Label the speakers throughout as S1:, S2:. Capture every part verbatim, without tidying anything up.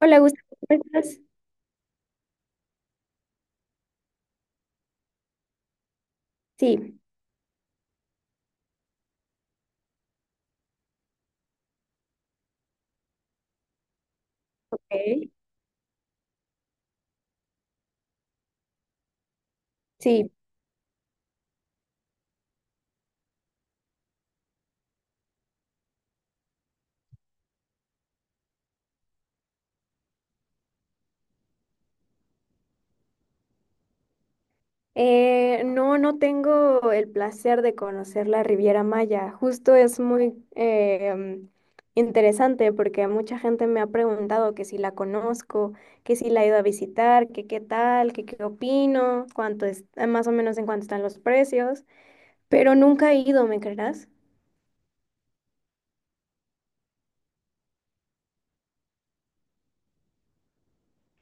S1: Hola, Gustavo, ¿cómo estás? Sí, ok. Sí. Eh, no, no tengo el placer de conocer la Riviera Maya. Justo es muy eh, mm, interesante porque mucha gente me ha preguntado que si la conozco, que si la he ido a visitar, que qué tal, que qué opino, cuánto es, eh, más o menos en cuánto están los precios, pero nunca he ido, ¿me creerás?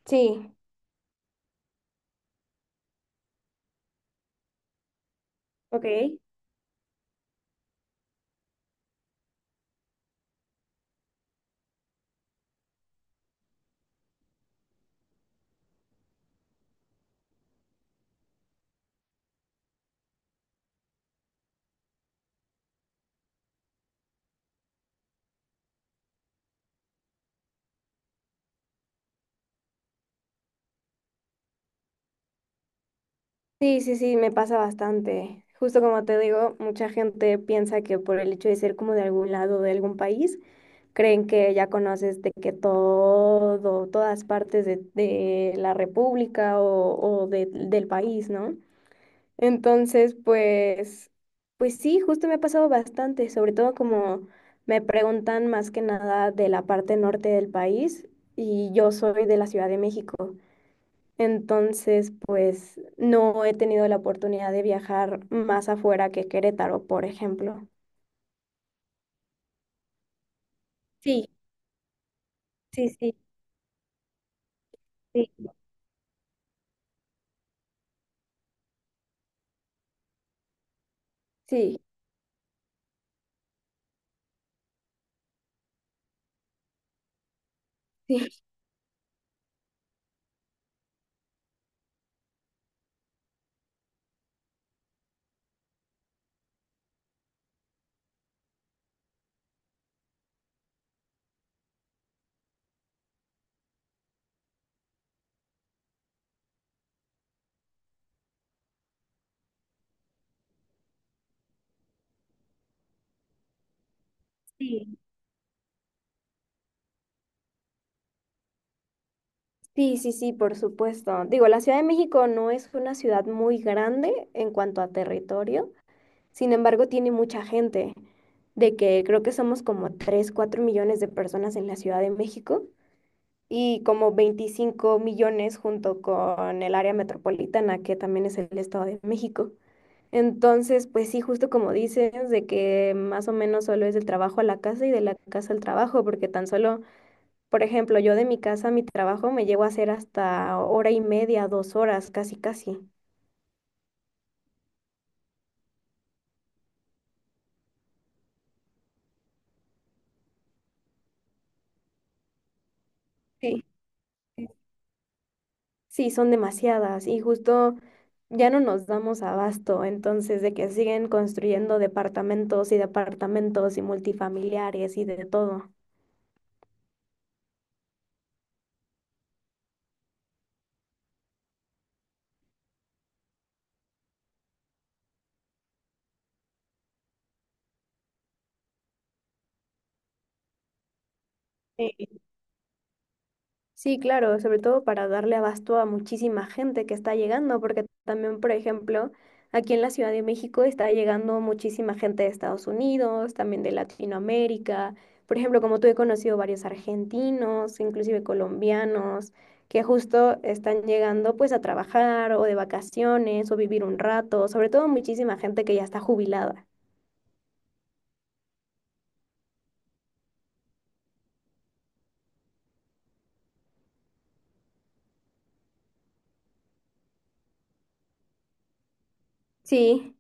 S1: Sí, ok. Sí, sí, sí, me pasa bastante. Justo como te digo, mucha gente piensa que por el hecho de ser como de algún lado de algún país, creen que ya conoces de que todo, todas partes de, de la república o, o de- del país, ¿no? Entonces, pues, pues sí, justo me ha pasado bastante, sobre todo como me preguntan más que nada de la parte norte del país y yo soy de la Ciudad de México. Entonces, pues no he tenido la oportunidad de viajar más afuera que Querétaro, por ejemplo. Sí, sí, sí, sí. Sí, sí, sí. Sí, sí, sí, por supuesto. Digo, la Ciudad de México no es una ciudad muy grande en cuanto a territorio, sin embargo, tiene mucha gente, de que creo que somos como tres cuatro millones de personas en la Ciudad de México y como veinticinco millones junto con el área metropolitana, que también es el Estado de México. Entonces, pues sí, justo como dices, de que más o menos solo es del trabajo a la casa y de la casa al trabajo, porque tan solo, por ejemplo, yo de mi casa a mi trabajo me llevo a hacer hasta hora y media, dos horas, casi, casi. Sí. Sí, son demasiadas y justo ya no nos damos abasto, entonces de que siguen construyendo departamentos y departamentos y multifamiliares y de todo. Sí, claro, sobre todo para darle abasto a muchísima gente que está llegando, porque también, por ejemplo, aquí en la Ciudad de México está llegando muchísima gente de Estados Unidos, también de Latinoamérica. Por ejemplo, como tú he conocido varios argentinos, inclusive colombianos, que justo están llegando pues a trabajar o de vacaciones o vivir un rato, sobre todo muchísima gente que ya está jubilada. Sí,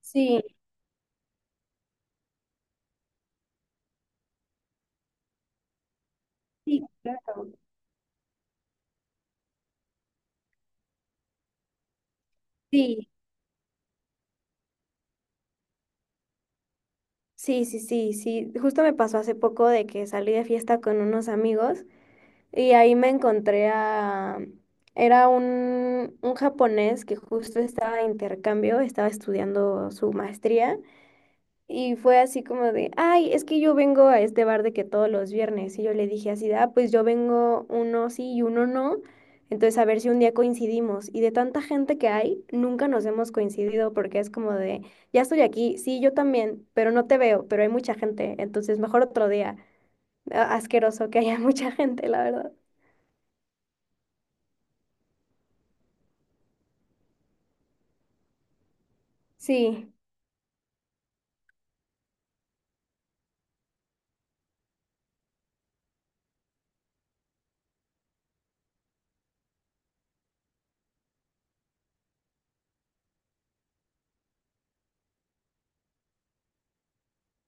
S1: sí. Sí, claro. Sí. Sí, sí, sí, sí. Justo me pasó hace poco de que salí de fiesta con unos amigos y ahí me encontré a... Era un, un japonés que justo estaba de intercambio, estaba estudiando su maestría y fue así como de, ay, es que yo vengo a este bar de que todos los viernes. Y yo le dije así, de, ah, pues yo vengo uno sí y uno no. Entonces a ver si un día coincidimos. Y de tanta gente que hay, nunca nos hemos coincidido porque es como de, ya estoy aquí, sí, yo también, pero no te veo, pero hay mucha gente. Entonces mejor otro día. A- Asqueroso que haya mucha gente, la verdad. Sí,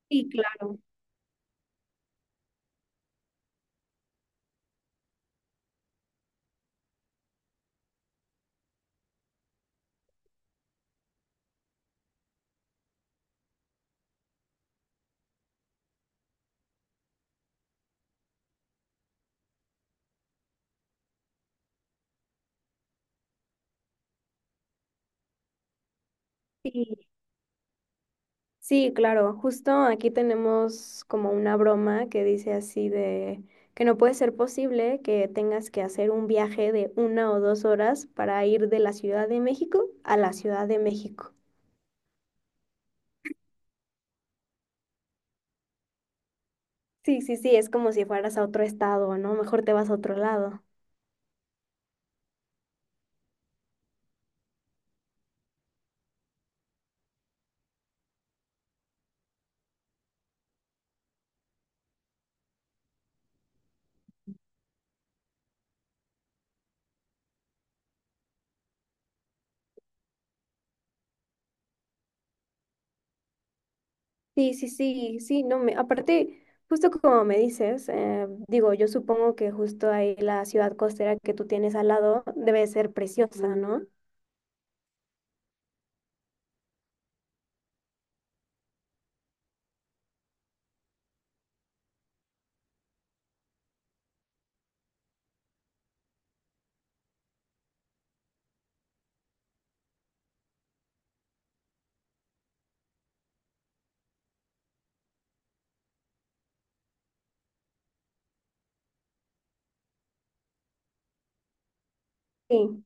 S1: sí, claro. Sí. Sí, claro, justo aquí tenemos como una broma que dice así de que no puede ser posible que tengas que hacer un viaje de una o dos horas para ir de la Ciudad de México a la Ciudad de México. Sí, sí, sí, es como si fueras a otro estado, ¿no? Mejor te vas a otro lado. Sí, sí, sí, sí, no me, aparte, justo como me dices, eh, digo, yo supongo que justo ahí la ciudad costera que tú tienes al lado debe ser preciosa, ¿no? Sí.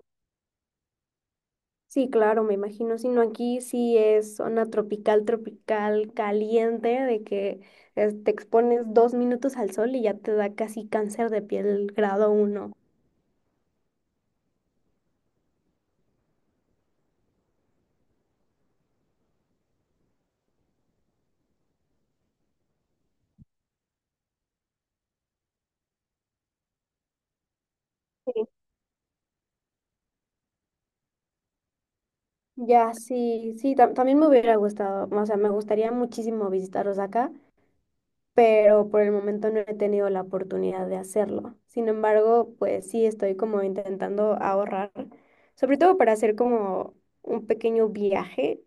S1: Sí, claro, me imagino, sino aquí sí es zona tropical, tropical, caliente, de que es- te expones dos minutos al sol y ya te da casi cáncer de piel grado uno. Sí. Ya, sí, sí, tam- también me hubiera gustado, o sea, me gustaría muchísimo visitar Osaka, pero por el momento no he tenido la oportunidad de hacerlo. Sin embargo, pues sí estoy como intentando ahorrar, sobre todo para hacer como un pequeño viaje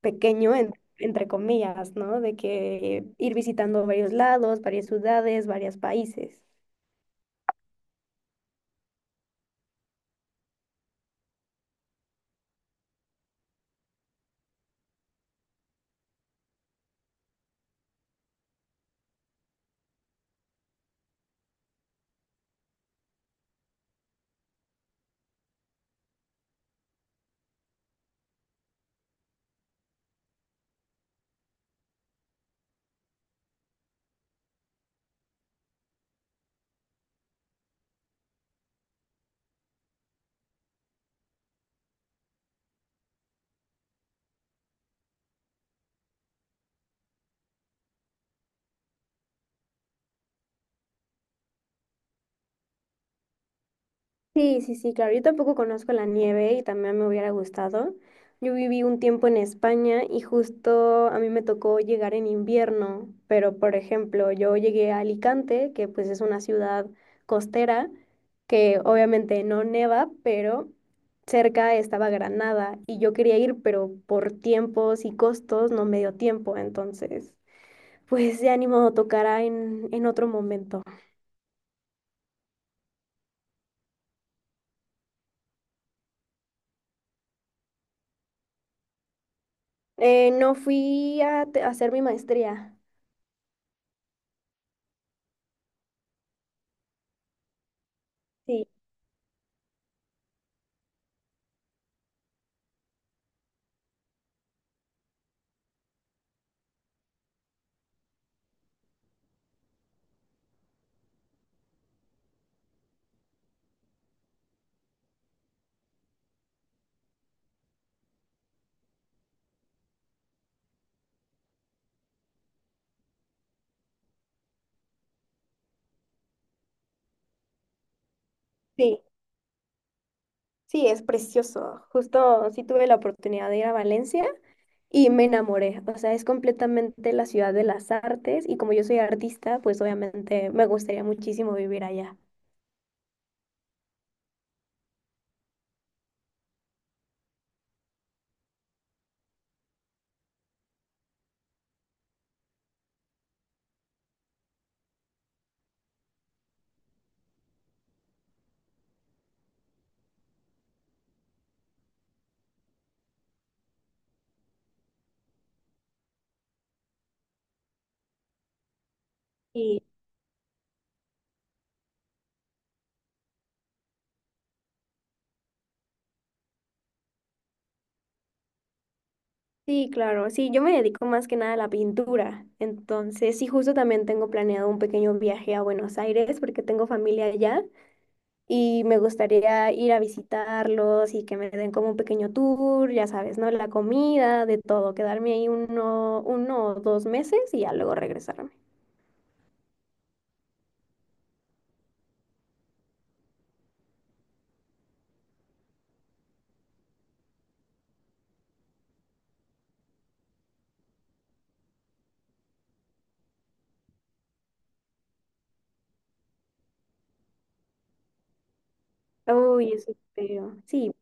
S1: pequeño, en- entre comillas, ¿no? De que ir visitando varios lados, varias ciudades, varios países. Sí, sí, sí, claro. Yo tampoco conozco la nieve y también me hubiera gustado. Yo viví un tiempo en España y justo a mí me tocó llegar en invierno, pero por ejemplo, yo llegué a Alicante, que pues es una ciudad costera, que obviamente no neva, pero cerca estaba Granada y yo quería ir, pero por tiempos y costos no me dio tiempo, entonces. Pues de ánimo tocará en, en otro momento. Eh, no fui a, te- a hacer mi maestría. Sí, sí, sí, es precioso. Justo sí tuve la oportunidad de ir a Valencia y me enamoré. O sea, es completamente la ciudad de las artes y como yo soy artista, pues obviamente me gustaría muchísimo vivir allá. Sí. Sí, claro, sí, yo me dedico más que nada a la pintura. Entonces, sí, justo también tengo planeado un pequeño viaje a Buenos Aires porque tengo familia allá. Y me gustaría ir a visitarlos y que me den como un pequeño tour, ya sabes, ¿no? La comida, de todo, quedarme ahí uno, uno o dos meses y ya luego regresarme. Uy, eso espero. Sí,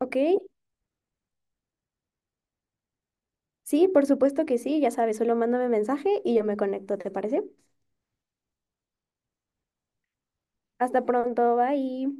S1: ok. Sí, por supuesto que sí, ya sabes, solo mándame mensaje y yo me conecto, ¿te parece? Hasta pronto, bye.